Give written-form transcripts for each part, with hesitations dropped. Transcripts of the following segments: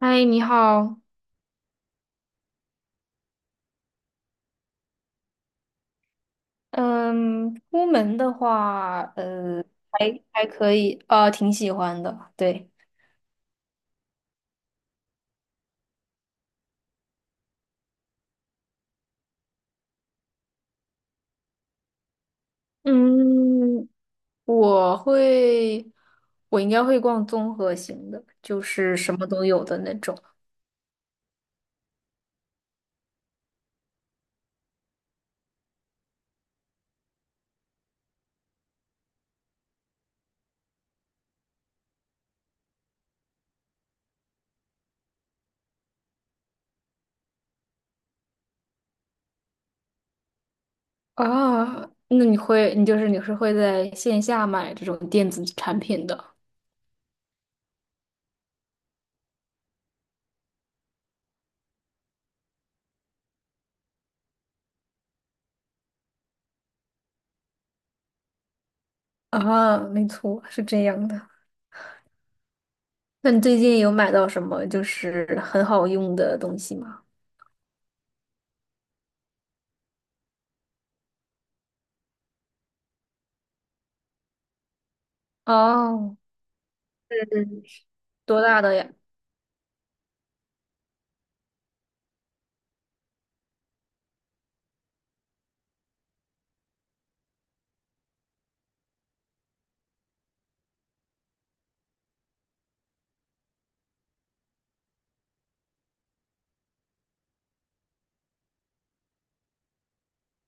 嗨，你好。嗯，出门的话，还可以，挺喜欢的。对，嗯，我会，我应该会逛综合型的，就是什么都有的那种。啊，那你会，你是会在线下买这种电子产品的啊？没错，是这样的。那你最近有买到什么就是很好用的东西吗？哦，是多大的呀？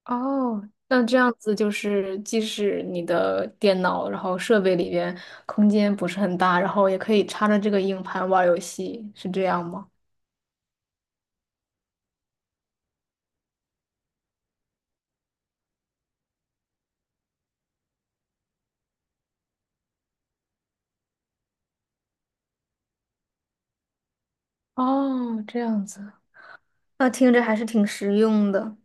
哦，那这样子就是，即使你的电脑，然后设备里边空间不是很大，然后也可以插着这个硬盘玩儿游戏，是这样吗？哦，这样子，那听着还是挺实用的。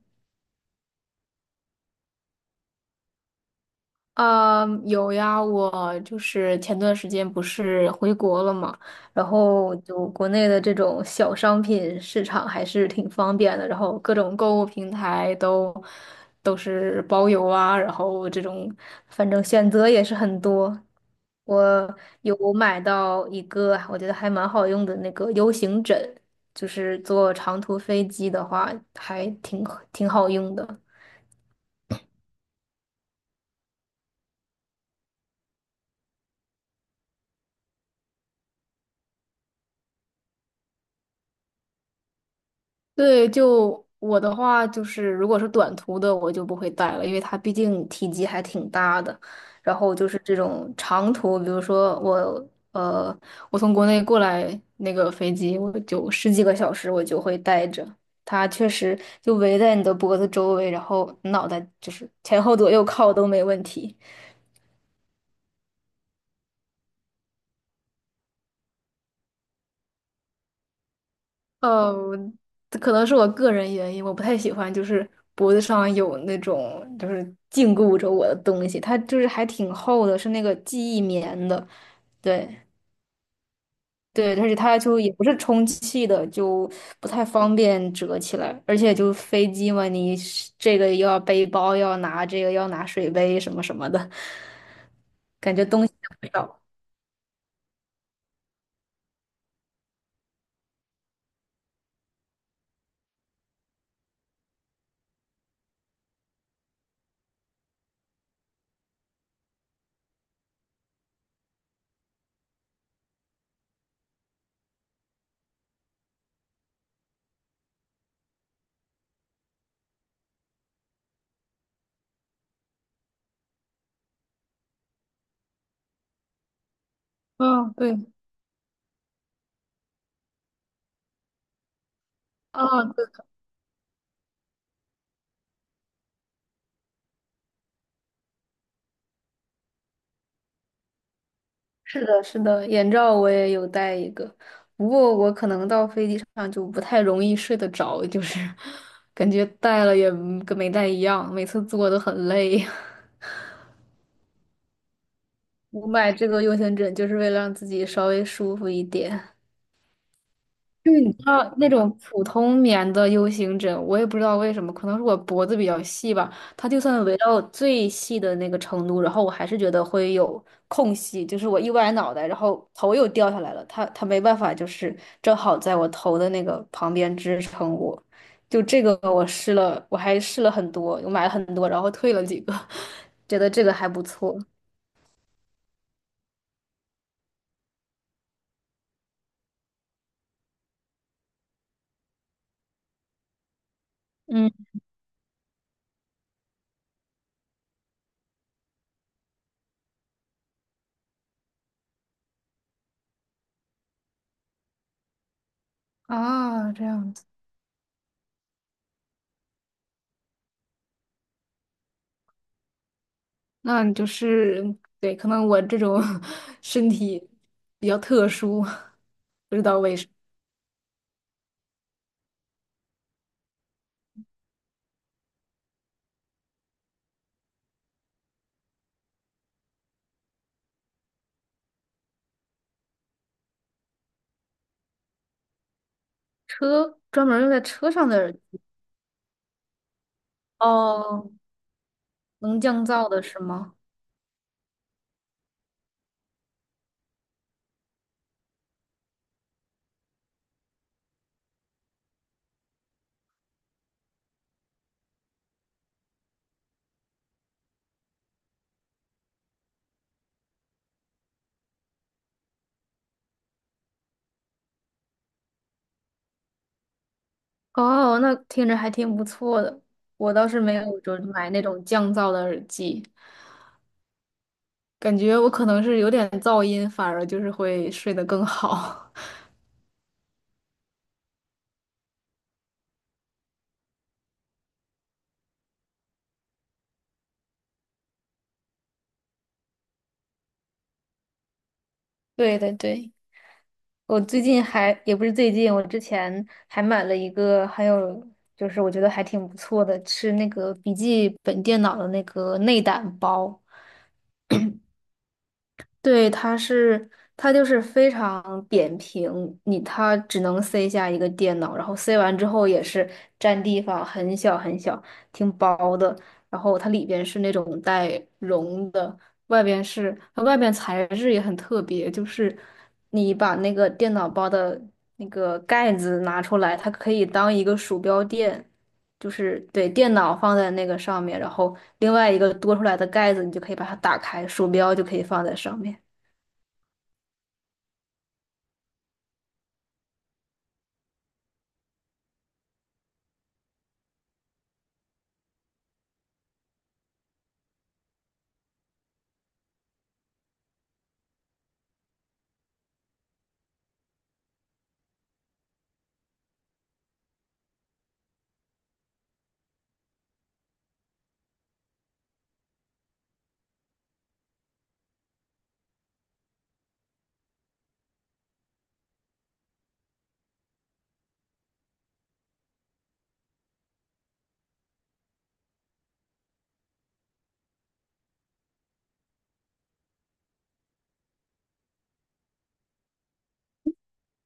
啊，有呀，我就是前段时间不是回国了嘛，然后就国内的这种小商品市场还是挺方便的，然后各种购物平台都是包邮啊，然后这种反正选择也是很多。我有买到一个我觉得还蛮好用的那个 U 型枕，就是坐长途飞机的话挺好用的。对，就我的话，就是如果是短途的，我就不会带了，因为它毕竟体积还挺大的。然后就是这种长途，比如说呃，我从国内过来那个飞机，我就十几个小时，我就会带着它，确实就围在你的脖子周围，然后脑袋就是前后左右靠都没问题。哦，这可能是我个人原因，我不太喜欢，就是脖子上有那种就是禁锢着我的东西，它就是还挺厚的，是那个记忆棉的，对对，而且它就也不是充气的，就不太方便折起来，而且就飞机嘛，你是这个又要背包，又要拿这个，又要拿水杯什么什么的，感觉东西也不少。嗯，对，啊，对是的，是的，眼罩我也有戴一个，不过我可能到飞机上就不太容易睡得着，就是 感觉戴了也嗯跟没戴一样，每次坐都很累。我买这个 U 型枕就是为了让自己稍微舒服一点。啊，那种普通棉的 U 型枕，我也不知道为什么，可能是我脖子比较细吧。它就算围到最细的那个程度，然后我还是觉得会有空隙，就是我一歪脑袋，然后头又掉下来了。它没办法，就是正好在我头的那个旁边支撑我。就这个我试了，我还试了很多，我买了很多，然后退了几个，觉得这个还不错。嗯，啊，这样子。那你就是，对，可能我这种 身体比较特殊，不知道为什么。车专门用在车上的耳机，哦，能降噪的是吗？哦，那听着还挺不错的。我倒是没有说买那种降噪的耳机。感觉我可能是有点噪音，反而就是会睡得更好。对对对，我最近还也不是最近，我之前还买了一个，还有就是我觉得还挺不错的，是那个笔记本电脑的那个内胆包。对，它就是非常扁平，它只能塞下一个电脑，然后塞完之后也是占地方很小很小，挺薄的。然后它里边是那种带绒的，外边是它外边材质也很特别，就是你把那个电脑包的那个盖子拿出来，它可以当一个鼠标垫，就是对电脑放在那个上面，然后另外一个多出来的盖子，你就可以把它打开，鼠标就可以放在上面。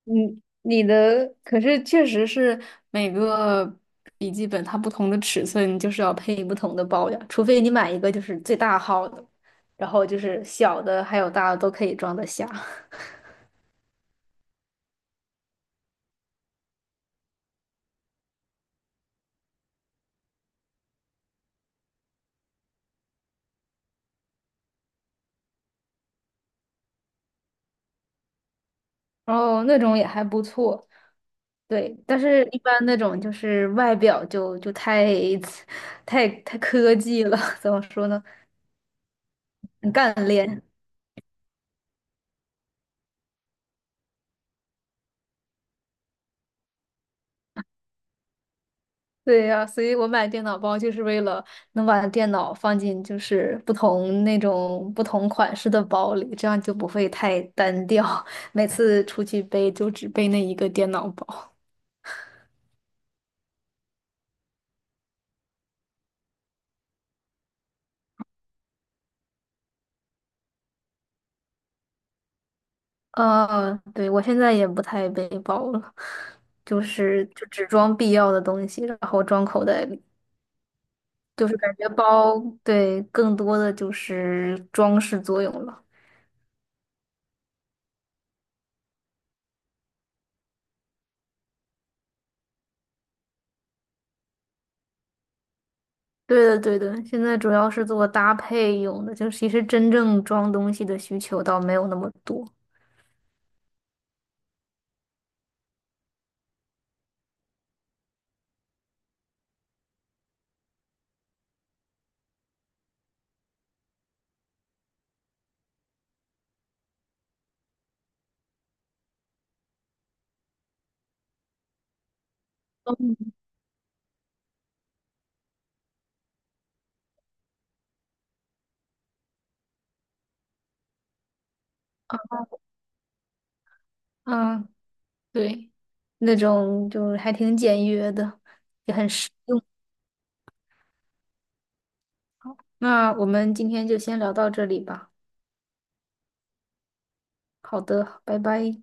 嗯，你的可是确实是每个笔记本它不同的尺寸就是要配不同的包呀，除非你买一个就是最大号的，然后就是小的还有大的都可以装得下，然后那种也还不错。对，但是一般那种就是外表就太 太科技了，怎么说呢？很干练。对呀，所以我买电脑包就是为了能把电脑放进不同那种不同款式的包里，这样就不会太单调，每次出去背就只背那一个电脑包。呃，对，我现在也不太背包了，就只装必要的东西，然后装口袋里，就是感觉包，对，更多的就是装饰作用了。对的，对的，现在主要是做搭配用的，就其实真正装东西的需求倒没有那么多。嗯，对，那种就是还挺简约的，也很实用。那我们今天就先聊到这里吧。好的，拜拜。